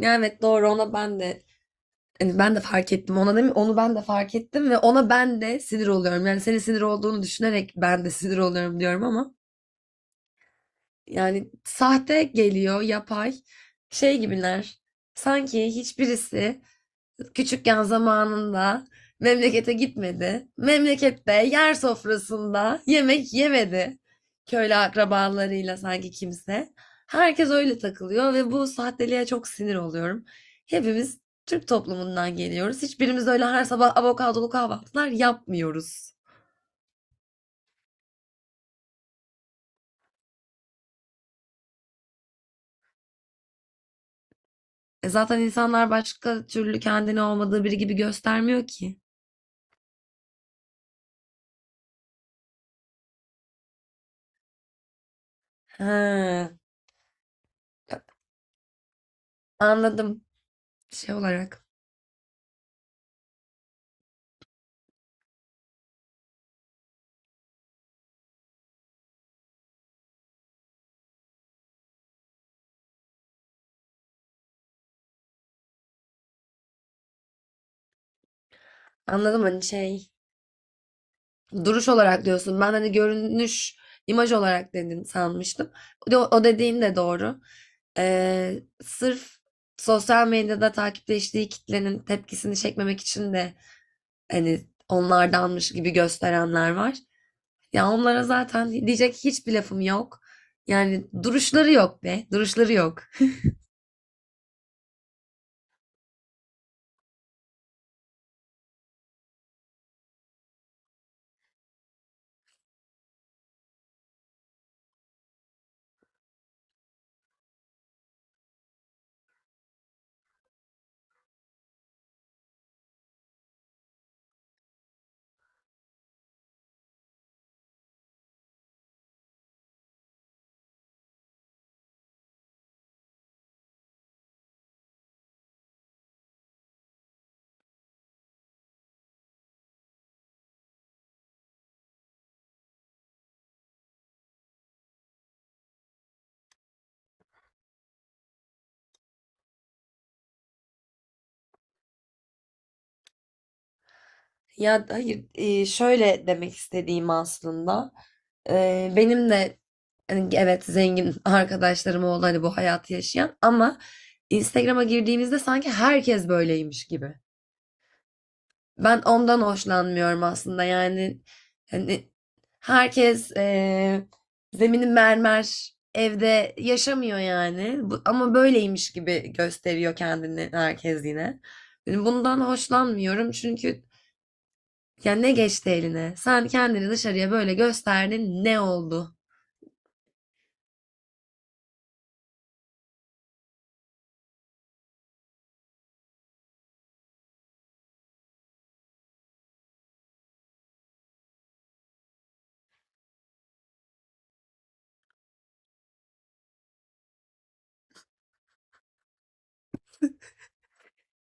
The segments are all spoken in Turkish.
Evet doğru ona ben de hani ben de fark ettim ona değil mi? Onu ben de fark ettim ve ona ben de sinir oluyorum. Yani senin sinir olduğunu düşünerek ben de sinir oluyorum diyorum ama yani sahte geliyor, yapay şey gibiler. Sanki hiçbirisi küçükken zamanında memlekete gitmedi. Memlekette yer sofrasında yemek yemedi. Köylü akrabalarıyla sanki kimse. Herkes öyle takılıyor ve bu sahteliğe çok sinir oluyorum. Hepimiz Türk toplumundan geliyoruz. Hiçbirimiz öyle her sabah avokadolu kahvaltılar yapmıyoruz. E zaten insanlar başka türlü kendini olmadığı biri gibi göstermiyor ki. Ha, anladım şey olarak. Anladım hani şey duruş olarak diyorsun. Ben hani görünüş, imaj olarak dedin sanmıştım. O, o dediğin de doğru. Sırf sosyal medyada takipleştiği kitlenin tepkisini çekmemek için de hani onlardanmış gibi gösterenler var. Ya onlara zaten diyecek hiçbir lafım yok. Yani duruşları yok be, duruşları yok. Ya hayır şöyle demek istediğim aslında. Benim de hani evet zengin arkadaşlarım oldu hani bu hayatı yaşayan ama Instagram'a girdiğimizde sanki herkes böyleymiş gibi. Ben ondan hoşlanmıyorum aslında yani hani herkes zemini mermer evde yaşamıyor yani ama böyleymiş gibi gösteriyor kendini herkes yine. Yani bundan hoşlanmıyorum çünkü ya ne geçti eline? Sen kendini dışarıya böyle gösterdin ne oldu?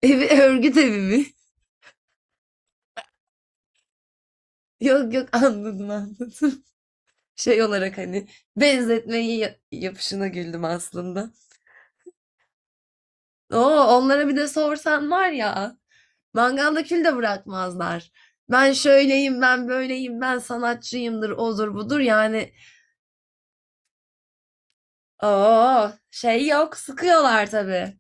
Evi örgüt evi mi? Yok yok, anladım anladım. Şey olarak hani benzetmeyi yapışına güldüm aslında. Oo, onlara bir de sorsan var ya, mangalda kül de bırakmazlar. Ben şöyleyim, ben böyleyim, ben sanatçıyımdır, odur budur yani. Oo, şey yok, sıkıyorlar tabii.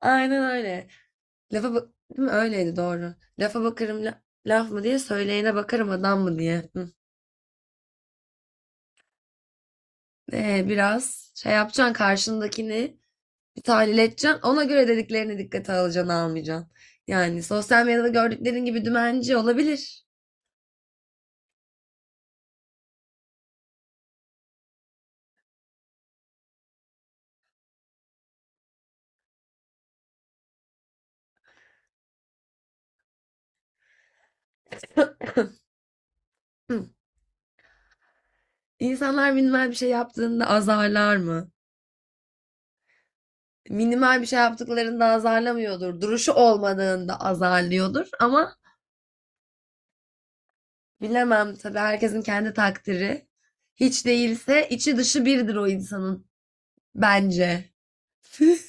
Aynen öyle. Lafa bak, değil mi? Öyleydi, doğru. Lafa bakarım, laf mı diye, söyleyene bakarım, adam mı diye. Hı. Biraz şey yapacaksın, karşındakini bir tahlil edeceksin. Ona göre dediklerini dikkate alacaksın almayacaksın. Yani sosyal medyada gördüklerin gibi dümenci olabilir. Hı. İnsanlar minimal bir şey yaptığında azarlar mı? Minimal bir şey yaptıklarında azarlamıyordur. Duruşu olmadığında azarlıyordur ama bilemem tabii, herkesin kendi takdiri. Hiç değilse içi dışı birdir o insanın. Bence.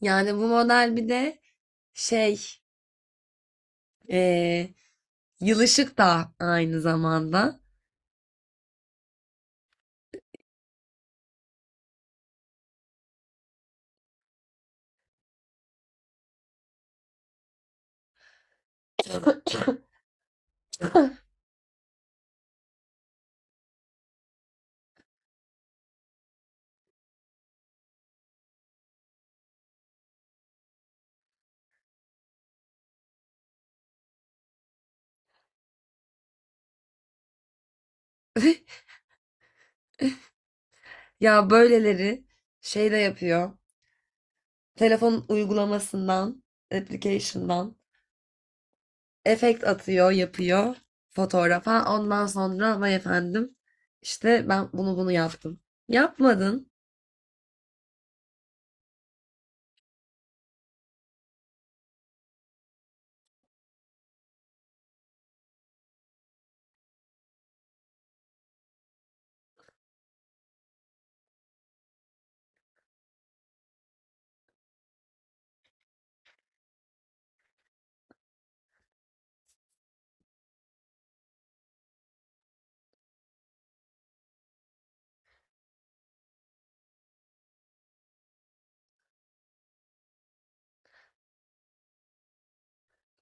Yani bu model bir de şey, eee yılışık da aynı zamanda. Ya böyleleri şey de yapıyor. Telefon uygulamasından, application'dan efekt atıyor, yapıyor fotoğrafa. Ondan sonra vay efendim, işte ben bunu bunu yaptım. Yapmadın.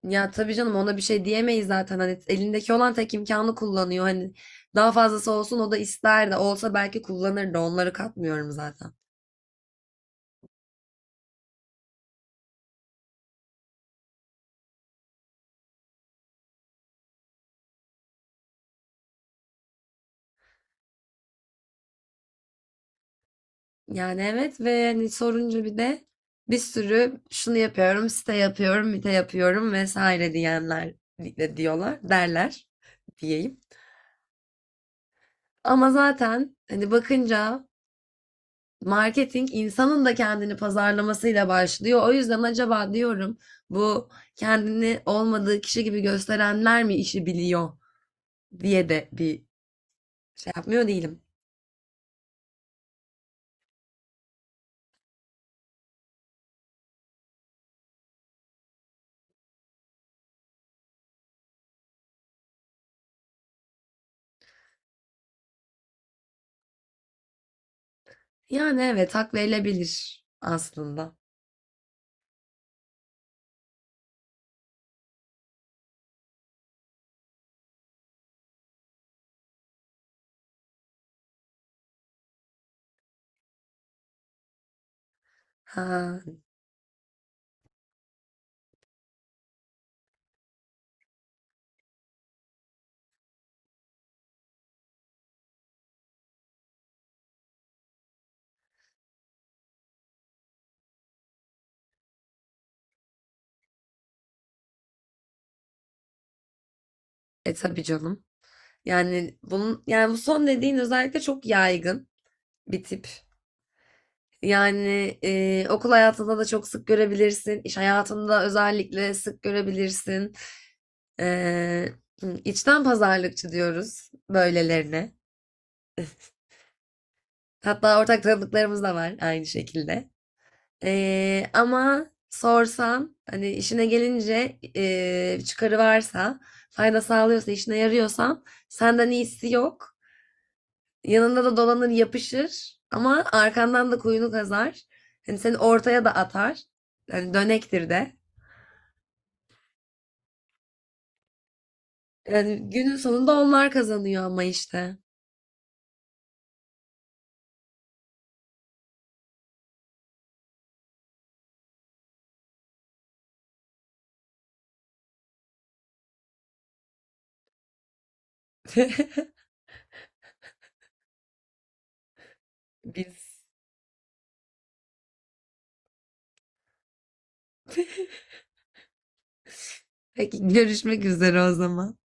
Ya tabii canım, ona bir şey diyemeyiz zaten. Hani elindeki olan tek imkanı kullanıyor. Hani daha fazlası olsun o da ister de olsa belki kullanır da, onları katmıyorum zaten. Yani evet, ve hani sorunca bir de bir sürü şunu yapıyorum, site yapıyorum, site yapıyorum vesaire diyenler de diyorlar, derler diyeyim. Ama zaten hani bakınca marketing insanın da kendini pazarlamasıyla başlıyor. O yüzden acaba diyorum, bu kendini olmadığı kişi gibi gösterenler mi işi biliyor diye de bir şey yapmıyor değilim. Yani evet, hak verilebilir aslında. Ha, tabii canım. Yani bunun, yani bu son dediğin özellikle çok yaygın bir tip. Yani okul hayatında da çok sık görebilirsin. İş hayatında özellikle sık görebilirsin. E, hı, içten pazarlıkçı diyoruz böylelerine. Hatta ortak tanıdıklarımız da var aynı şekilde. Ama sorsan hani işine gelince çıkarı varsa, fayda sağlıyorsa, işine yarıyorsan senden iyisi yok. Yanında da dolanır yapışır ama arkandan da kuyunu kazar. Hani seni ortaya da atar. Yani dönektir de. Yani günün sonunda onlar kazanıyor ama işte. Biz. Peki, görüşmek üzere o zaman.